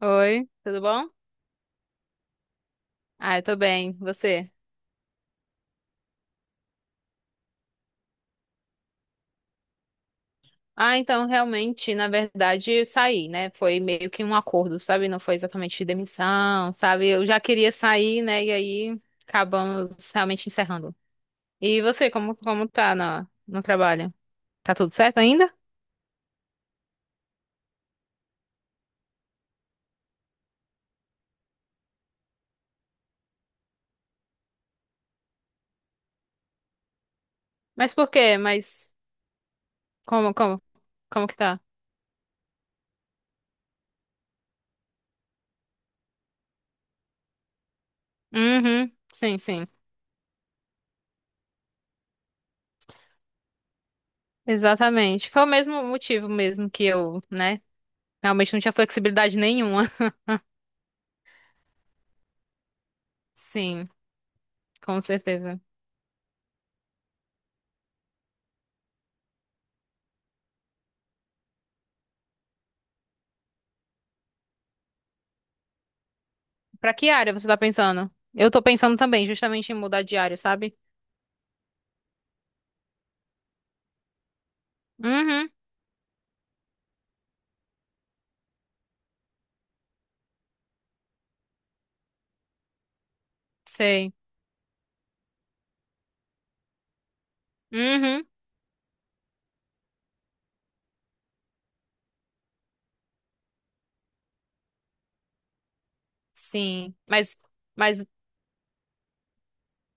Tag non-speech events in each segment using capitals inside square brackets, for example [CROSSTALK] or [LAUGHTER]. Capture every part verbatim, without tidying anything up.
Oi, tudo bom? Ah, eu tô bem, você? Ah, então realmente, na verdade, eu saí, né? Foi meio que um acordo, sabe? Não foi exatamente demissão, sabe? Eu já queria sair, né? E aí acabamos realmente encerrando. E você, como, como tá na, no trabalho? Tá tudo certo ainda? Mas por quê? Mas como, como, como que tá? Uhum, sim, sim. Exatamente. Foi o mesmo motivo mesmo que eu, né? Realmente não tinha flexibilidade nenhuma. [LAUGHS] Sim, com certeza. Pra que área você tá pensando? Eu tô pensando também, justamente em mudar de área, sabe? Uhum, sei. Uhum, sim. Mas, mas,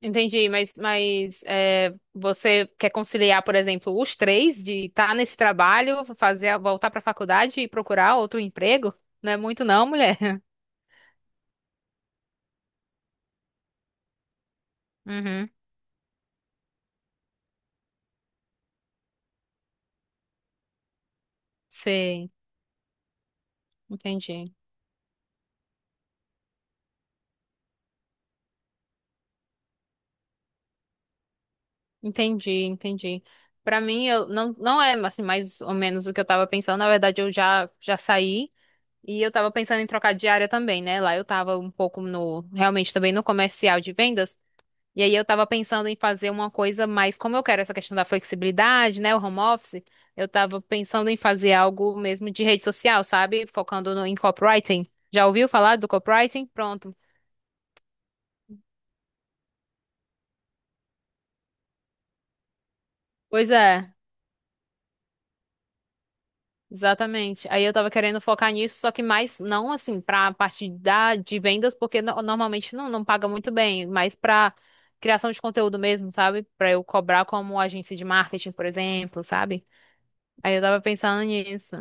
entendi, mas, mas é, você quer conciliar, por exemplo, os três de estar nesse trabalho, fazer, a- voltar pra faculdade e procurar outro emprego? Não é muito não, mulher. [LAUGHS] Uhum, sei. Entendi. Entendi, entendi. Pra mim, eu não, não é assim, mais ou menos o que eu tava pensando. Na verdade, eu já, já saí. E eu tava pensando em trocar de área também, né? Lá eu tava um pouco no, realmente também no comercial de vendas. E aí eu tava pensando em fazer uma coisa mais, como eu quero essa questão da flexibilidade, né? O home office, eu tava pensando em fazer algo mesmo de rede social, sabe? Focando no, em copywriting. Já ouviu falar do copywriting? Pronto. Pois é. Exatamente. Aí eu tava querendo focar nisso, só que mais não assim pra parte da de vendas, porque no- normalmente não, não paga muito bem, mas pra criação de conteúdo mesmo, sabe? Pra eu cobrar como agência de marketing, por exemplo, sabe? Aí eu tava pensando nisso.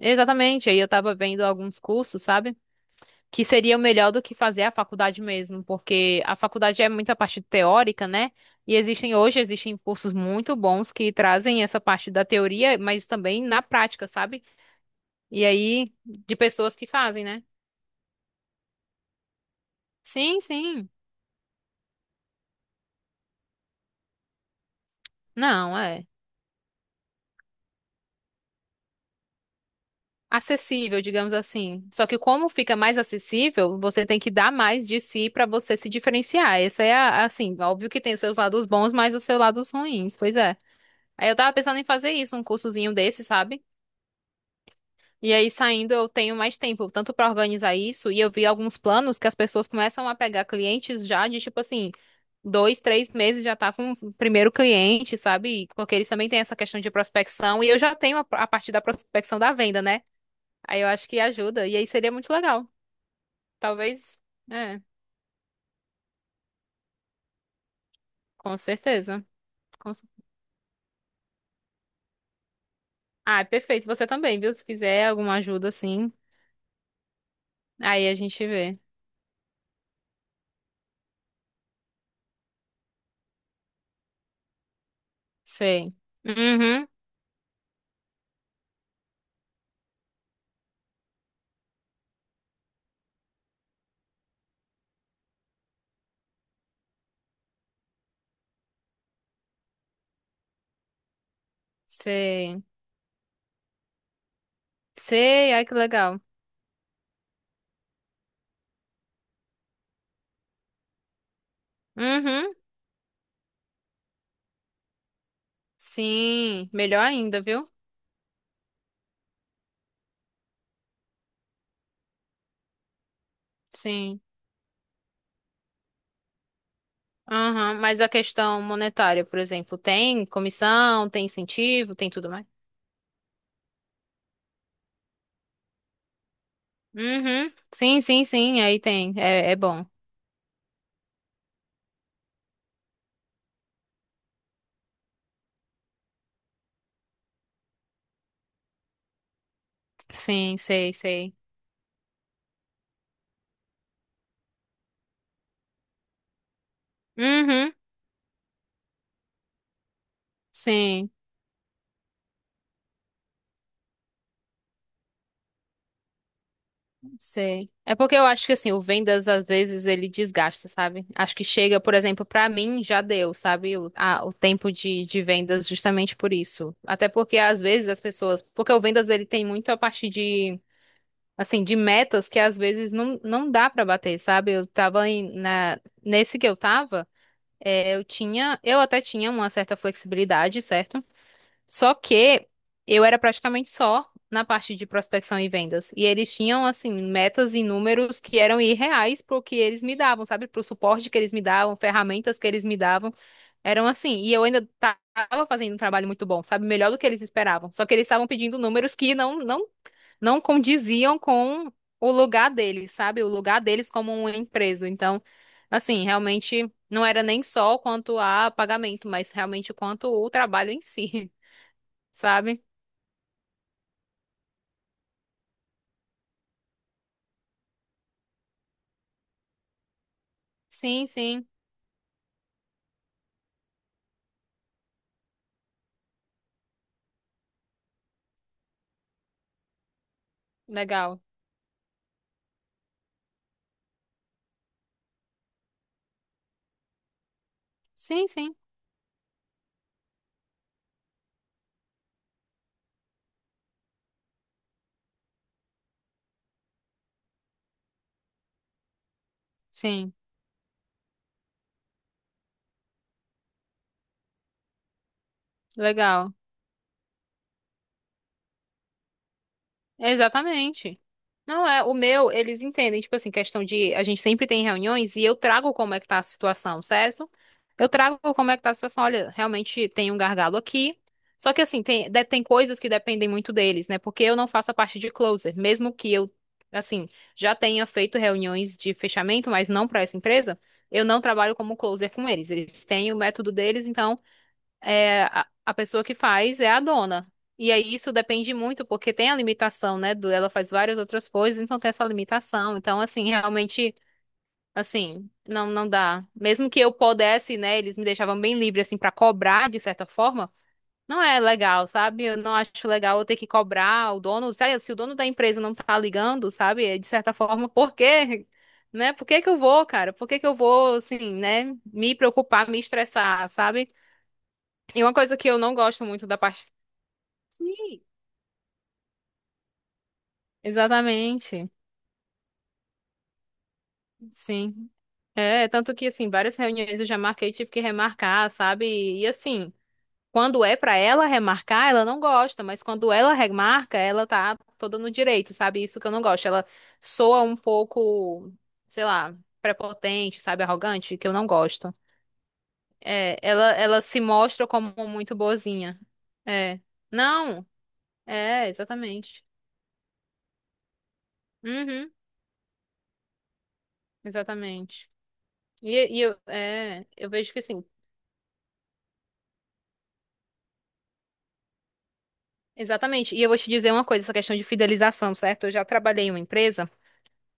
Exatamente. Aí eu tava vendo alguns cursos, sabe? Que seria melhor do que fazer a faculdade mesmo, porque a faculdade é muita parte teórica, né? E existem hoje existem cursos muito bons que trazem essa parte da teoria, mas também na prática, sabe? E aí, de pessoas que fazem, né? Sim, sim. Não, é acessível, digamos assim. Só que como fica mais acessível, você tem que dar mais de si para você se diferenciar. Essa é a, assim, óbvio que tem os seus lados bons, mas os seus lados ruins, pois é. Aí eu tava pensando em fazer isso, um cursozinho desse, sabe? E aí saindo eu tenho mais tempo, tanto para organizar isso, e eu vi alguns planos que as pessoas começam a pegar clientes já de tipo assim, dois, três meses já tá com o primeiro cliente, sabe? Porque eles também têm essa questão de prospecção e eu já tenho a, a parte da prospecção da venda, né? Aí eu acho que ajuda e aí seria muito legal. Talvez, é, com certeza. Com cer- Ah, é perfeito. Você também, viu? Se quiser alguma ajuda, assim, aí a gente vê. Sei. Uhum. Sei. Sei. Ai, que legal. Uhum. Sim. Melhor ainda, viu? Sim. Aham, mas a questão monetária, por exemplo, tem comissão, tem incentivo, tem tudo mais? Uhum. Sim, sim, sim, aí tem. É, é bom. Sim, sei, sei. Uhum. Sim, sei. É porque eu acho que assim, o vendas às vezes ele desgasta, sabe? Acho que chega, por exemplo, pra mim já deu, sabe? O, a- o tempo de, de vendas justamente por isso. Até porque às vezes as pessoas, porque o vendas ele tem muito a parte de assim, de metas que às vezes não, não dá pra bater, sabe? Eu tava em, na, nesse que eu tava, é, eu tinha, eu até tinha uma certa flexibilidade, certo? Só que eu era praticamente só na parte de prospecção e vendas. E eles tinham, assim, metas e números que eram irreais pro que eles me davam, sabe? Pro suporte que eles me davam, ferramentas que eles me davam. Eram assim. E eu ainda tava fazendo um trabalho muito bom, sabe? Melhor do que eles esperavam. Só que eles estavam pedindo números que não, não, não condiziam com o lugar deles, sabe? O lugar deles como uma empresa. Então, assim, realmente não era nem só quanto a pagamento, mas realmente quanto o trabalho em si. [LAUGHS] sabe? Sim, sim, legal. Sim, sim, sim, legal. Exatamente. Não é, o meu, eles entendem, tipo assim, questão de a gente sempre tem reuniões e eu trago como é que tá a situação, certo? Eu trago como é que tá a situação. Olha, realmente tem um gargalo aqui. Só que assim, tem, de- tem coisas que dependem muito deles, né? Porque eu não faço a parte de closer, mesmo que eu, assim, já tenha feito reuniões de fechamento, mas não para essa empresa, eu não trabalho como closer com eles. Eles têm o método deles, então é, a, a pessoa que faz é a dona. E aí isso depende muito, porque tem a limitação, né? Do, ela faz várias outras coisas, então tem essa limitação. Então, assim, realmente, assim, não, não dá. Mesmo que eu pudesse, né? Eles me deixavam bem livre, assim, pra cobrar, de certa forma. Não é legal, sabe? Eu não acho legal eu ter que cobrar o dono. Se, ah, se o dono da empresa não tá ligando, sabe? é De certa forma, [LAUGHS] por quê? Né? Por que que eu vou, cara? Por que que eu vou, assim, né? Me preocupar, me estressar, sabe? E uma coisa que eu não gosto muito da parte. Sim. Exatamente, sim. É, tanto que, assim, várias reuniões eu já marquei, tive que remarcar, sabe? E, assim, quando é pra ela remarcar, ela não gosta, mas quando ela remarca, ela tá toda no direito, sabe? Isso que eu não gosto. Ela soa um pouco, sei lá, prepotente, sabe? Arrogante, que eu não gosto. É, ela, ela se mostra como muito boazinha. É. Não, é, exatamente. Uhum, exatamente. E, e eu, é, eu vejo que assim, exatamente. E eu vou te dizer uma coisa, essa questão de fidelização, certo? Eu já trabalhei em uma empresa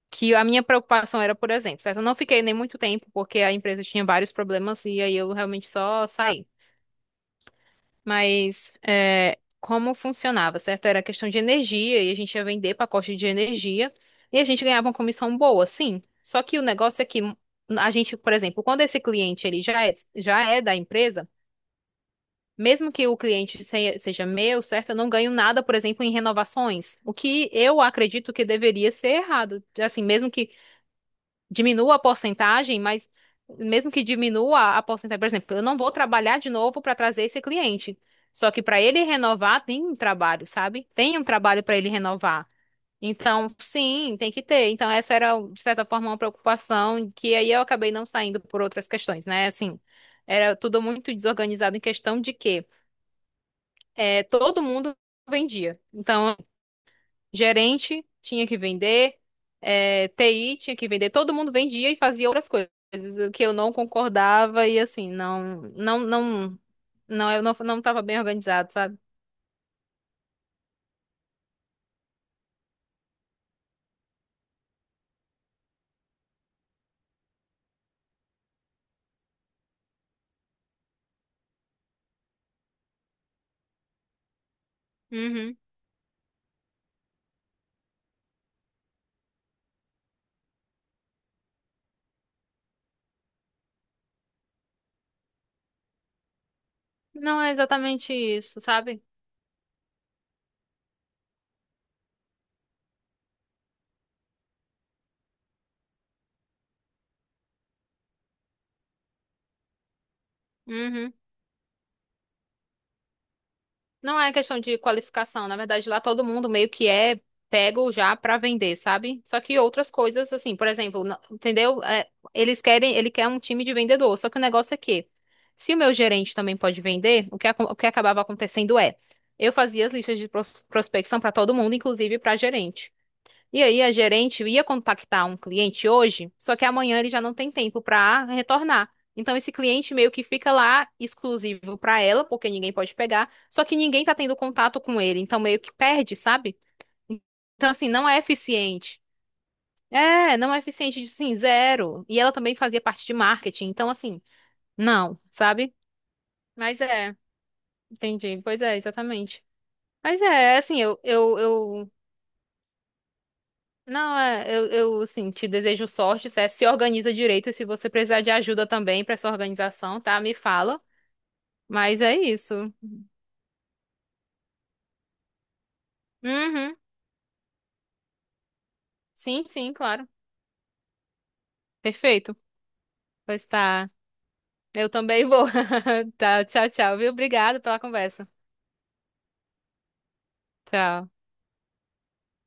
que a minha preocupação era, por exemplo, certo? Eu não fiquei nem muito tempo porque a empresa tinha vários problemas e aí eu realmente só saí. Mas é, como funcionava, certo? Era questão de energia e a gente ia vender pacote de energia e a gente ganhava uma comissão boa, sim. Só que o negócio é que a gente, por exemplo, quando esse cliente ele já é, já é da empresa Mesmo que o cliente se- seja meu, certo? Eu não ganho nada, por exemplo, em renovações. O que eu acredito que deveria ser errado. Assim, mesmo que diminua a porcentagem, mas mesmo que diminua a porcentagem, por exemplo, eu não vou trabalhar de novo para trazer esse cliente. Só que para ele renovar, tem um trabalho, sabe? Tem um trabalho para ele renovar. Então, sim, tem que ter. Então, essa era, de certa forma, uma preocupação que aí eu acabei não saindo por outras questões, né? Assim, era tudo muito desorganizado em questão de quê? É, todo mundo vendia. Então, gerente tinha que vender, é, T I tinha que vender, todo mundo vendia e fazia outras coisas, o que eu não concordava e assim, não, não, não, não, eu não, não estava bem organizado, sabe? Uhum. Não é exatamente isso, sabe? Uhum. Não é questão de qualificação, na verdade lá todo mundo meio que é pego já pra vender, sabe? Só que outras coisas assim, por exemplo, na- entendeu? É, eles querem, ele quer um time de vendedor, só que o negócio é que se o meu gerente também pode vender, o que, acon- o que acabava acontecendo é, eu fazia as listas de pros- prospecção pra todo mundo, inclusive pra gerente. E aí a gerente ia contactar um cliente hoje, só que amanhã ele já não tem tempo para retornar. Então esse cliente meio que fica lá exclusivo para ela, porque ninguém pode pegar, só que ninguém tá tendo contato com ele, então meio que perde, sabe? Então assim, não é eficiente. É, não é eficiente, assim zero. E ela também fazia parte de marketing, então assim, não, sabe? Mas é, entendi. Pois é, exatamente. Mas é, assim, eu, eu, eu Não, é, eu, eu assim, te desejo sorte, certo? Se organiza direito e se você precisar de ajuda também pra essa organização, tá? Me fala. Mas é isso. Uhum. Sim, sim, claro. Perfeito. Pois tá. Eu também vou. [LAUGHS] Tá, tchau, tchau, viu? Obrigado pela conversa. Tchau.